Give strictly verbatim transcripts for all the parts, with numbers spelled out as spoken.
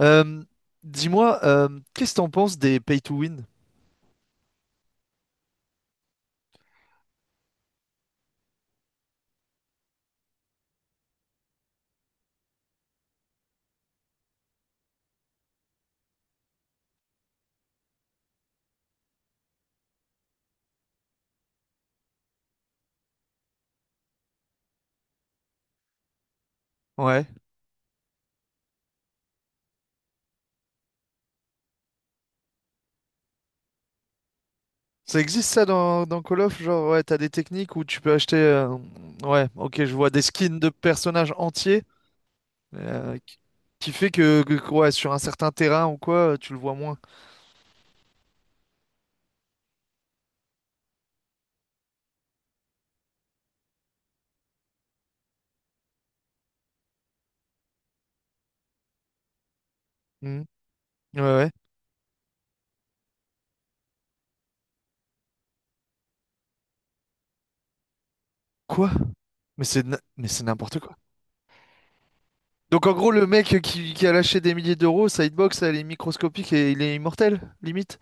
Euh, dis-moi, euh, qu'est-ce que t'en penses des pay to win? Ouais. Ça existe ça dans, dans Call of? Genre, ouais, t'as des techniques où tu peux acheter. euh, Ouais, ok, je vois des skins de personnages entiers euh, qui qui fait que, que- que, ouais, sur un certain terrain ou quoi, euh, tu le vois moins. Mhm. Ouais, ouais. Quoi? Mais c'est n- mais c'est n'importe quoi. Donc, en gros, le mec qui, qui a lâché des milliers d'euros, sa hitbox, elle est microscopique et il est immortel, limite.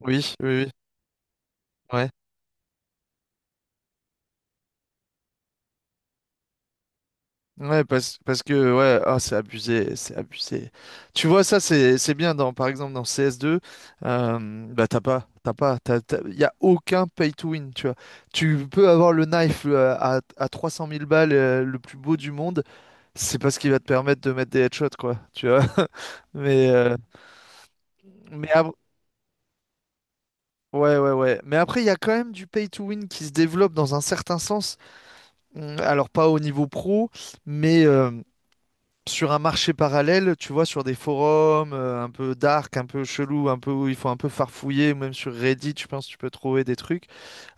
Oui, oui, oui. Ouais. Ouais, parce, parce que, ouais, ah, c'est abusé, c'est abusé. Tu vois, ça, c'est, c'est bien, dans, par exemple, dans C S deux, euh, bah, t'as pas, t'as pas, t'as, t'as- y a aucun pay to win, tu vois. Tu peux avoir le knife euh, à, à trois cent mille balles, euh, le plus beau du monde, c'est parce qu'il va te permettre de mettre des headshots, quoi, tu vois. Mais, euh, mais ab- ouais, ouais, ouais. Mais après, il y a quand même du pay to win qui se développe dans un certain sens. Hum, Alors, pas au niveau pro, mais, euh, sur un marché parallèle, tu vois, sur des forums euh, un peu dark, un peu chelou, un peu où il faut un peu farfouiller, ou même sur Reddit, je pense tu peux trouver des trucs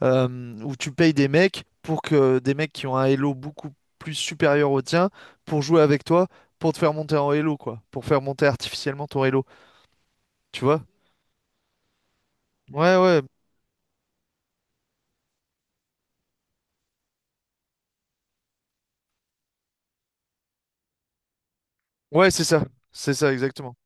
euh, où tu payes des mecs pour que des mecs qui ont un Elo beaucoup plus supérieur au tien pour jouer avec toi, pour te faire monter en Elo, quoi, pour faire monter artificiellement ton Elo, tu vois? Ouais, ouais, ouais, c'est ça, c'est ça exactement.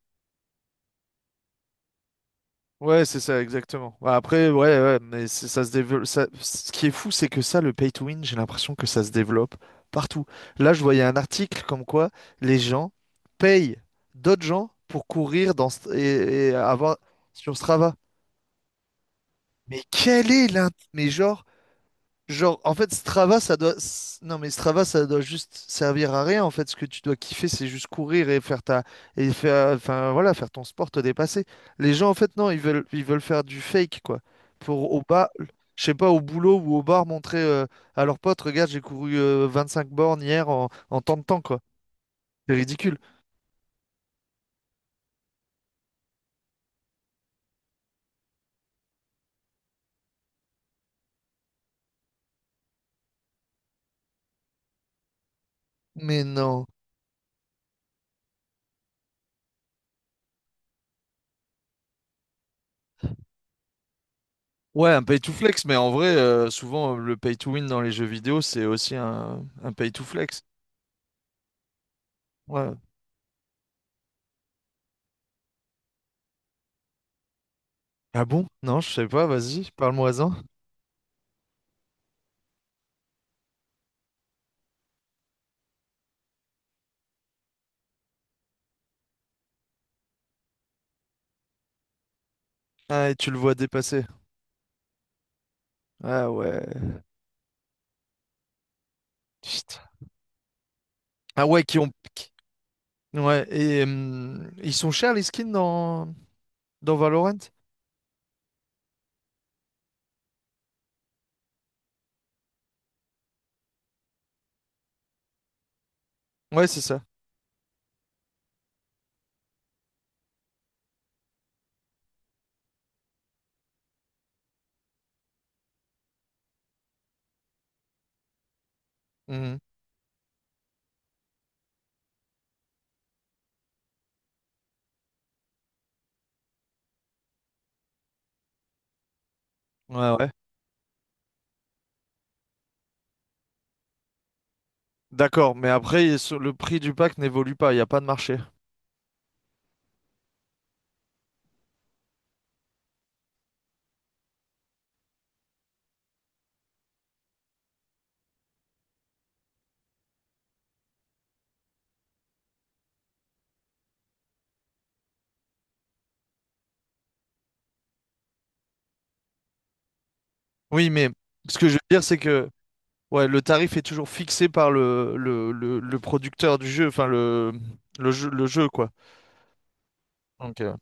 Ouais, c'est ça, exactement. Bah, après, ouais, ouais, mais c'est- ça se développe. Ça... Ce qui est fou, c'est que ça, le pay to win, j'ai l'impression que ça se développe partout. Là, je voyais un article comme quoi les gens payent d'autres gens pour courir dans St- et, et avoir sur Strava. Mais quel est l'intérêt? Mais genre, Genre, en fait, Strava, ça doit. s- Non, mais Strava, ça doit juste servir à rien. En fait, ce que tu dois kiffer, c'est juste courir et faire ta. Et faire. Enfin, voilà, faire ton sport, te dépasser. Les gens, en fait, non, ils veulent, ils veulent, faire du fake, quoi. Pour au bas, je sais pas, au boulot ou au bar, montrer euh, à leurs potes, regarde, j'ai couru euh, cinq bornes hier en, en tant de temps, quoi. C'est ridicule. Mais non. Ouais, un pay to flex, mais en vrai, euh, souvent euh, le pay to win dans les jeux vidéo, c'est aussi un, un pay to flex. Ouais. Ah bon? Non, je sais pas, vas-y, parle-moi-en. Ah, et tu le vois dépasser. Ah ouais. Putain. Ah ouais. qui ont... qui- Ouais, et hum, ils sont chers les skins dans, dans Valorant? Ouais, c'est ça. Mhm. Ouais, ouais. D'accord, mais après, ils sont- le prix du pack n'évolue pas, il n'y a pas de marché. Oui, mais ce que je veux dire, c'est que ouais, le tarif est toujours fixé par le, le, le, le producteur du jeu, enfin le, le jeu, le jeu, quoi. Ok.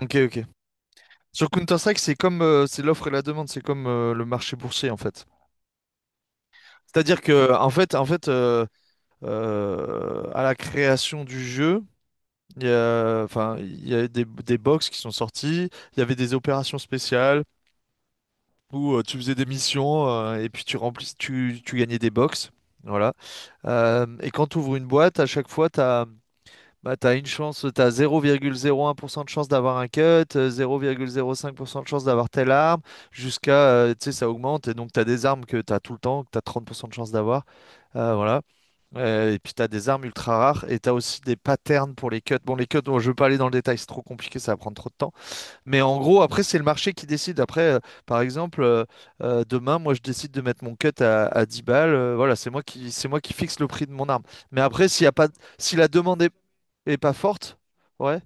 Ok, ok. Sur Counter-Strike, c'est comme euh, c'est l'offre et la demande, c'est comme euh, le marché boursier en fait. C'est-à-dire que en fait, en fait, euh, euh, à la création du jeu, il y a, enfin, il y a des, des box qui sont sortis. Il y avait des opérations spéciales où euh, tu faisais des missions euh, et puis tu remplis, tu, tu gagnais des box. Voilà. Euh, et quand tu ouvres une boîte, à chaque fois, tu as, bah, t'as une chance, tu as zéro virgule zéro un pour cent de chance d'avoir un cut, euh, zéro virgule zéro cinq pour cent de chance d'avoir telle arme, jusqu'à, euh, tu sais, ça augmente. Et donc, tu as des armes que tu as tout le temps, que tu as trente pour cent de chance d'avoir. Euh, voilà. Euh, et puis tu as des armes ultra rares et tu as aussi des patterns pour les cuts. Bon, les cuts, bon, je veux pas aller dans le détail, c'est trop compliqué, ça va prendre trop de temps. Mais en gros, après, c'est le marché qui décide. Après, euh, par exemple, euh, euh, demain, moi, je décide de mettre mon cut à, à, dix balles. Euh, voilà, c'est moi qui, c'est moi qui fixe le prix de mon arme. Mais après, s'il y a pas, si la demande est, est pas forte, ouais.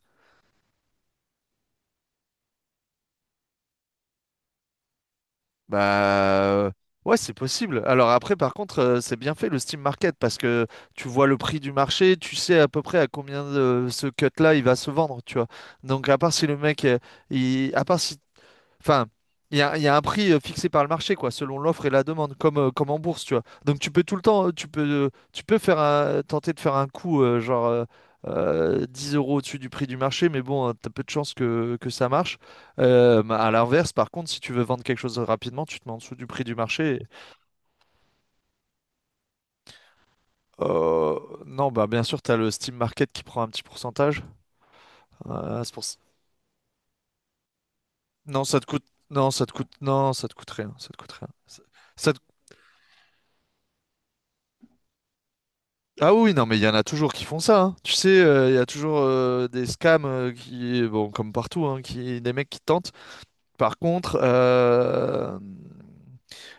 Bah euh, ouais, c'est possible. Alors après, par contre, euh, c'est bien fait le Steam Market parce que tu vois le prix du marché, tu sais à peu près à combien de ce cut-là il va se vendre, tu vois. Donc à part si le mec, euh, il... à part si Enfin, il y a, il y a un prix euh, fixé par le marché, quoi, selon l'offre et la demande, comme, euh, comme en bourse, tu vois. Donc tu peux tout le temps, euh, tu peux, euh, tu peux faire un- tenter de faire un coup, euh, genre euh, euh, dix euros au-dessus du prix du marché, mais bon, tu t'as peu de chances que, que ça marche. Euh, bah, à l'inverse, par contre, si tu veux vendre quelque chose rapidement, tu te mets en dessous du prix du marché. Euh, non, bah bien sûr, tu as le Steam Market qui prend un petit pourcentage. Euh, c'est pour ça- Non, ça te coûte. Non, ça te coûte. Non, ça te coûte rien. Ça te coûte rien. Ça, ça Ah oui, non, mais il y en a toujours qui font ça. Hein. Tu sais, euh, il y a toujours euh, des scams euh, qui, bon, comme partout, hein, qui, des mecs qui tentent. Par contre, euh,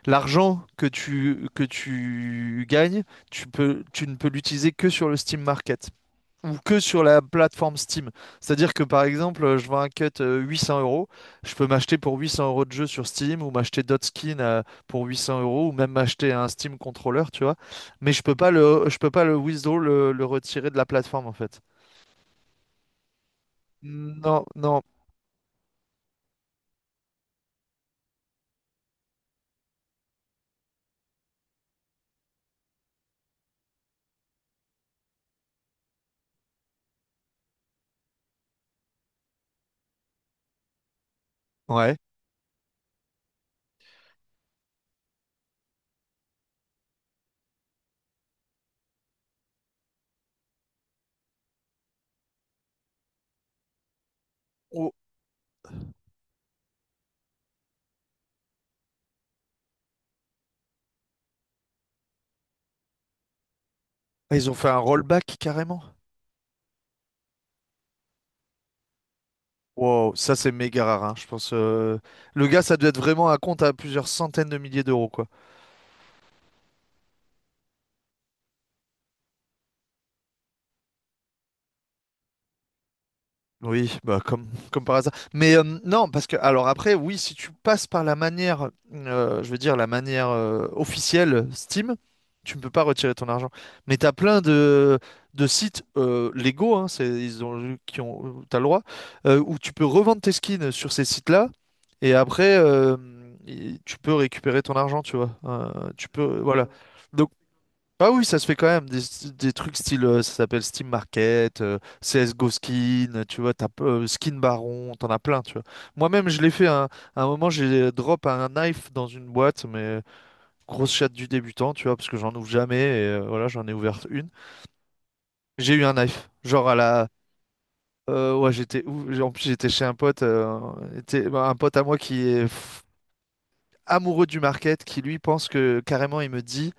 l'argent que tu, que tu gagnes, tu peux, tu ne peux l'utiliser que sur le Steam Market ou que sur la plateforme Steam. C'est-à-dire que par exemple, euh, je vends un cut euh, huit cents euros, je peux m'acheter pour huit cents euros de jeu sur Steam ou m'acheter d'autres skins euh, pour huit cents euros ou même m'acheter un Steam controller, tu vois. Mais je peux pas le, je peux pas le withdraw, le, le retirer de la plateforme en fait. Non, non, ouais. Oh, ils ont fait un rollback carrément. Wow, ça c'est méga rare, hein, Je pense. euh, Le gars, ça doit être vraiment un compte à plusieurs centaines de milliers d'euros, quoi. Oui, bah comme, comme par hasard. Mais euh, non, parce que alors après, oui, si tu passes par la manière, euh, je veux dire la manière euh, officielle Steam, tu ne peux pas retirer ton argent. Mais t'as plein de, de sites euh, légaux, hein, c'est, ils ont, qui ont, euh, t'as le droit, euh, où tu peux revendre tes skins sur ces sites-là, et après, euh, y- tu peux récupérer ton argent, tu vois. Euh, tu peux, voilà. Donc ah oui, ça se fait quand même des, des trucs style, euh, ça s'appelle Steam Market, euh, C S G O Skin, tu vois, t'as, euh, Skin Baron, t'en as plein, tu vois. Moi-même, je l'ai fait à un- à un, moment, j'ai drop un knife dans une boîte, mais grosse chatte du débutant, tu vois, parce que j'en ouvre jamais, et euh, voilà, j'en ai ouvert une. J'ai eu un knife, genre à la. Euh, ouais, j'étais... où- en plus, j'étais chez un pote, euh, était- bah, un pote à moi qui est f- amoureux du market, qui lui pense que, carrément, il me dit.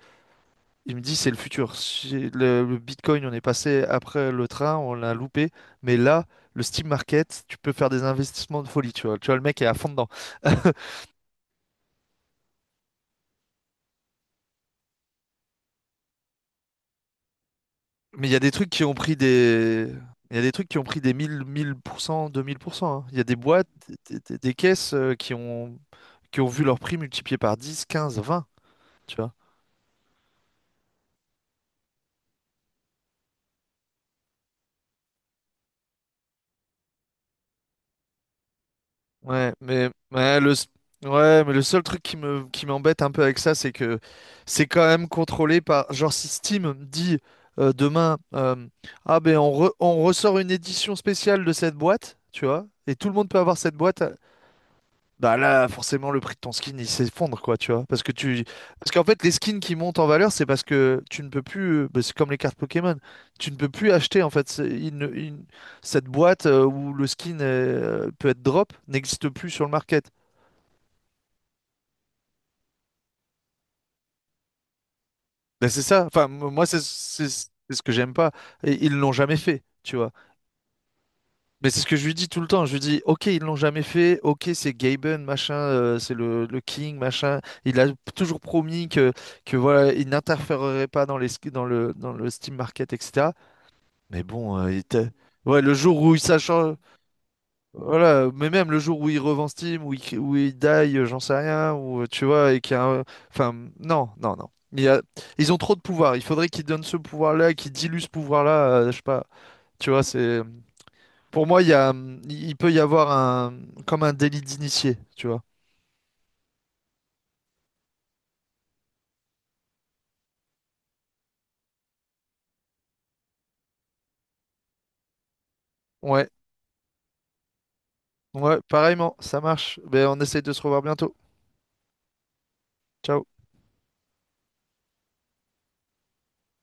Il me dit, c'est le futur. Si Le, le Bitcoin, on est passé après le train, on l'a loupé. Mais là, le Steam Market, tu peux faire des investissements de folie, tu vois. Tu vois, le mec est à fond dedans. Mais il y a des trucs qui ont pris des... Il y a des trucs qui ont pris des mille, mille pour cent, deux mille pour cent. Hein. Il y a des boîtes, des, des- des caisses euh, qui ont, qui ont vu leur prix multiplié par dix, quinze, vingt, tu vois. Ouais, mais ouais, le s- ouais, mais le seul truc qui me qui m'embête un peu avec ça, c'est que c'est quand même contrôlé par genre si Steam dit euh, demain euh, ah ben on re- on ressort une édition spéciale de cette boîte, tu vois, et tout le monde peut avoir cette boîte bah là, forcément, le prix de ton skin, il s'effondre, quoi, tu vois. Parce que tu. Parce qu'en fait, les skins qui montent en valeur, c'est parce que tu ne peux plus. Euh, bah, c'est comme les cartes Pokémon. Tu ne peux plus acheter, en fait. C'est- il ne- il- Cette boîte euh, où le skin euh, peut être drop n'existe plus sur le market. Bah, c'est ça. Enfin, m- moi, c'est c'est- c'est ce que j'aime pas. Et ils l'ont jamais fait, tu vois. Mais c'est ce que je lui dis tout le temps. Je lui dis, ok, ils l'ont jamais fait. Ok, c'est Gaben, machin, euh, c'est le, le King, machin. Il a toujours promis que, que voilà, il n'interférerait pas dans les, sk- dans le, dans le Steam Market, et cetera. Mais bon, euh, il était. Ouais, le jour où il s'acharne, voilà, mais même le jour où il revend Steam, où il, où il die, euh, j'en sais rien, ou euh, tu vois, et qu'il y a un- enfin, non, non, non. Il y a- ils ont trop de pouvoir. Il faudrait qu'ils donnent ce pouvoir-là, qu'ils diluent ce pouvoir-là. Euh, je sais pas. Tu vois, c'est. Pour moi, il y a, hum, il peut y avoir un, comme un délit d'initié, tu vois. Ouais, ouais, pareillement, ça marche. Ben, on essaye de se revoir bientôt. Ciao.